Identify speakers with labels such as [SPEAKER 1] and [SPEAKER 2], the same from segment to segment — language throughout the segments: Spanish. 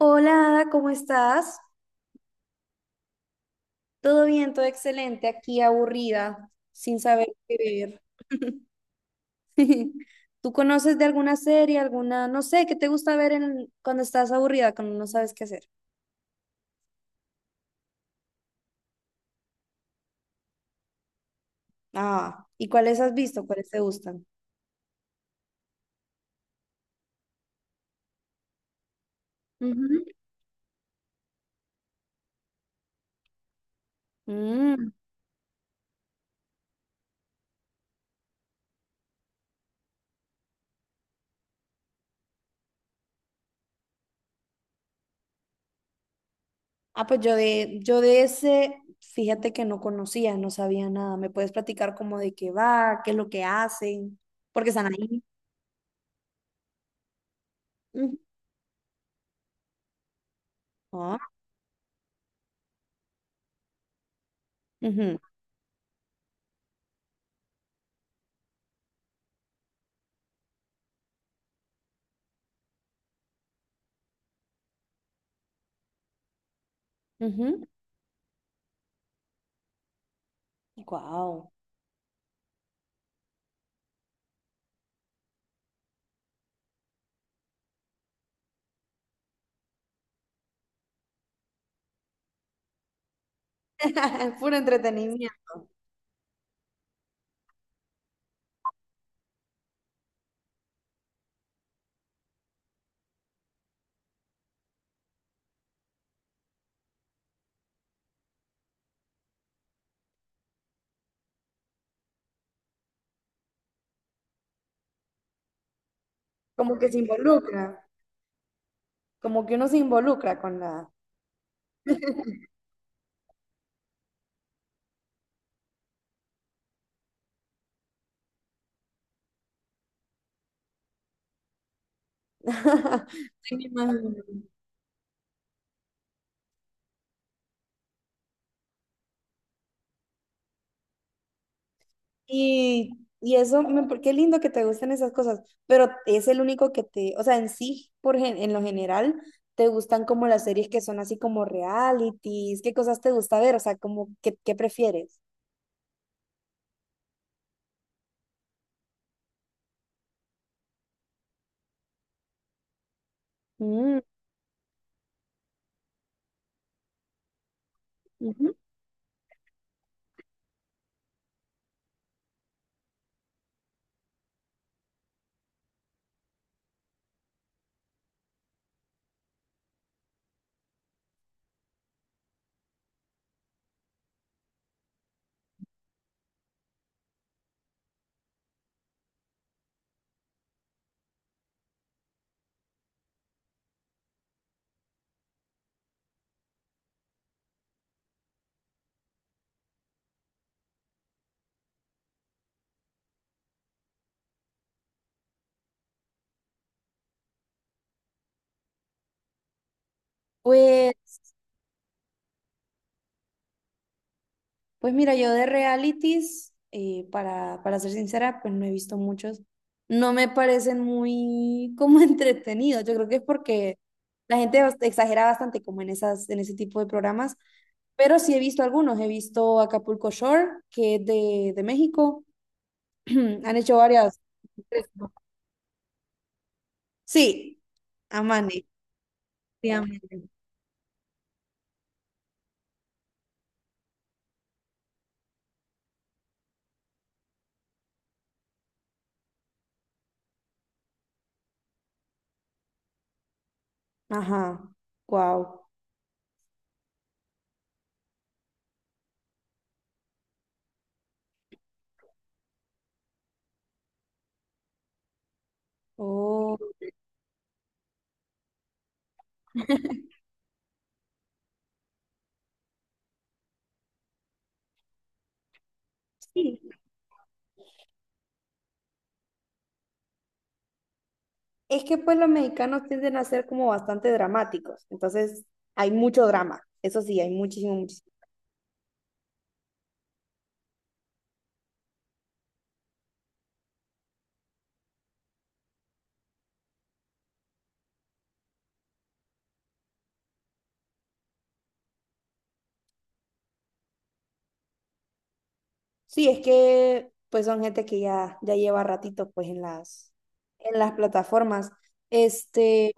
[SPEAKER 1] Hola, Ada, ¿cómo estás? Todo bien, todo excelente, aquí aburrida, sin saber qué ver. ¿Tú conoces de alguna serie, alguna, no sé, qué te gusta ver cuando estás aburrida, cuando no sabes qué hacer? Ah, ¿y cuáles has visto? ¿Cuáles te gustan? Ujú. Mm. Ah, pues yo de ese, fíjate que no conocía, no sabía nada. ¿Me puedes platicar como de qué va, qué es lo que hacen? Porque están ahí. Ujú. Ah. Wow. Puro entretenimiento. Como que se involucra, como que uno se involucra con la... Sí, me imagino. Y eso, qué lindo que te gusten esas cosas, pero es el único que te, o sea, en sí, en lo general, te gustan como las series que son así como realities, qué cosas te gusta ver, o sea, como, ¿qué, qué prefieres? Mm. Ujú. Pues Pues mira, yo de realities, para ser sincera, pues no he visto muchos. No me parecen muy como entretenidos. Yo creo que es porque la gente exagera bastante como en esas, en ese tipo de programas. Pero sí he visto algunos. He visto Acapulco Shore, que es de México. Han hecho varias. Sí, Amane. Sí, Amane. Ajá. Wow. Oh, sí. Es que pues los mexicanos tienden a ser como bastante dramáticos, entonces hay mucho drama, eso sí, hay muchísimo, muchísimo. Sí, es que pues son gente que ya, ya lleva ratito pues en las plataformas. Este,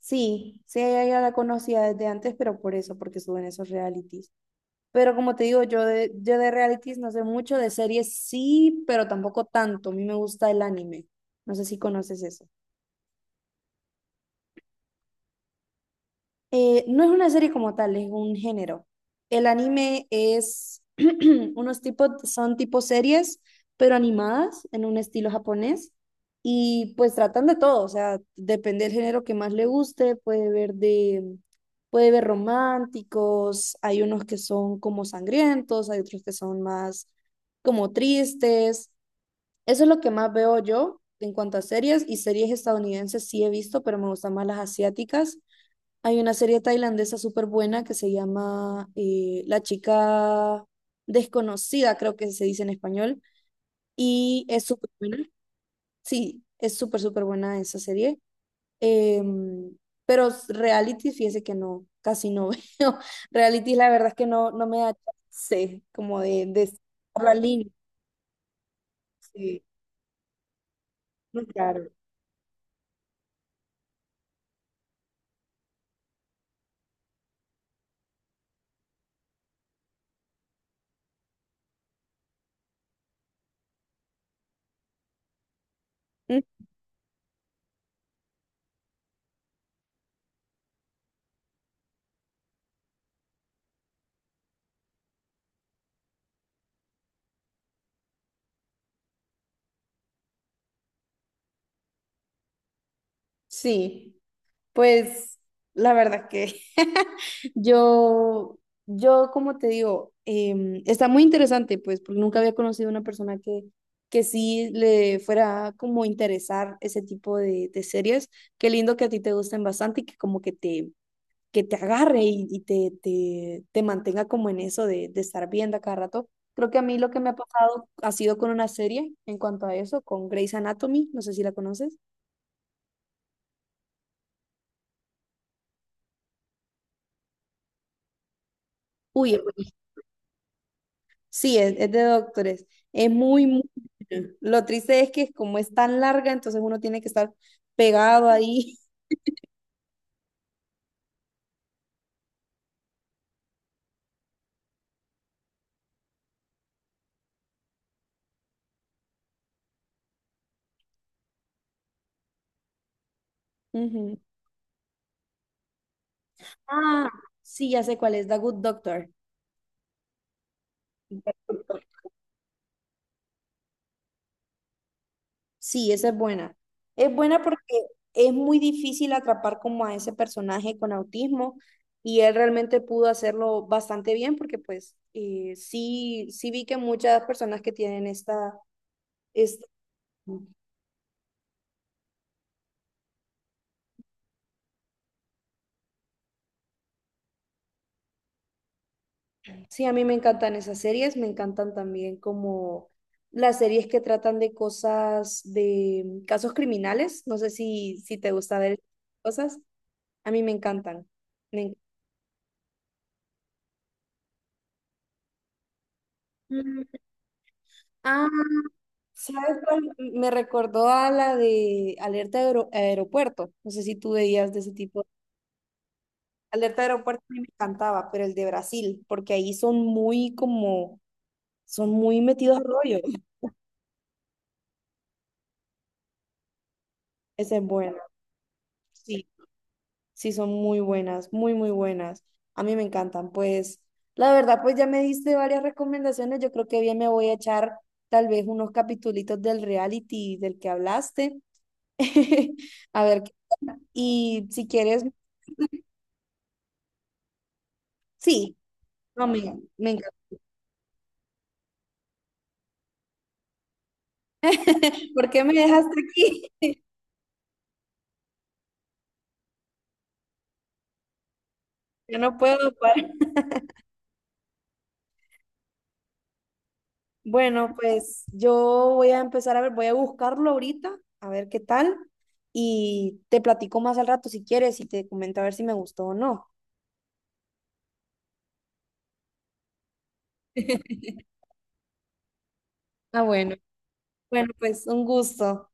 [SPEAKER 1] sí, sí, ella ya la conocía desde antes, pero por eso, porque suben esos realities. Pero como te digo, yo de realities no sé mucho, de series sí, pero tampoco tanto, a mí me gusta el anime, no sé si conoces eso. No es una serie como tal, es un género. El anime es unos tipos, son tipo series, pero animadas en un estilo japonés. Y pues tratan de todo, o sea, depende del género que más le guste, puede ver románticos, hay unos que son como sangrientos, hay otros que son más como tristes. Eso es lo que más veo yo en cuanto a series, y series estadounidenses sí he visto, pero me gustan más las asiáticas. Hay una serie tailandesa súper buena que se llama La chica desconocida, creo que se dice en español, y es súper buena. Sí, es súper, súper buena esa serie. Em, pero reality, fíjese que no, casi no veo. Reality, la verdad es que no me da chance como de la línea. Sí, muy claro. Mm. Sí. Pues la verdad que yo, yo como te digo, está muy interesante, pues, porque nunca había conocido una persona que sí le fuera como interesar ese tipo de series. Qué lindo que a ti te gusten bastante y que como que te agarre y te mantenga como en eso de estar viendo a cada rato. Creo que a mí lo que me ha pasado ha sido con una serie en cuanto a eso, con Grey's Anatomy, no sé si la conoces. Uy. Sí, es de doctores. Es muy, muy buena. Lo triste es que como es tan larga, entonces uno tiene que estar pegado ahí. Ujú. Ah, sí, ya sé cuál es, The Good Doctor. Sí, esa es buena. Es buena porque es muy difícil atrapar como a ese personaje con autismo y él realmente pudo hacerlo bastante bien porque pues sí, sí vi que muchas personas que tienen esta, esta... Sí, a mí me encantan esas series, me encantan también como las series que tratan de cosas, de casos criminales. No sé si, si te gusta ver cosas. A mí me encantan. Me enc- Mm. Ah, ¿sabes cuál? Me recordó a la de Aeropuerto. No sé si tú veías de ese tipo. Alerta Aeropuerto a mí me encantaba, pero el de Brasil, porque ahí son muy como, son muy metidos al rollo. Ese es bueno. Sí. Sí, son muy buenas, muy, muy buenas. A mí me encantan. Pues, la verdad, pues ya me diste varias recomendaciones. Yo creo que bien me voy a echar tal vez unos capitulitos del reality del que hablaste. A ver, qué tal. Y si quieres, sí, no, me encanta. ¿Por qué me dejaste aquí? Yo no puedo parar. Bueno, pues yo voy a empezar a ver, voy a buscarlo ahorita, a ver qué tal. Y te platico más al rato si quieres y te comento a ver si me gustó o no. Ah, bueno. Bueno, pues un gusto.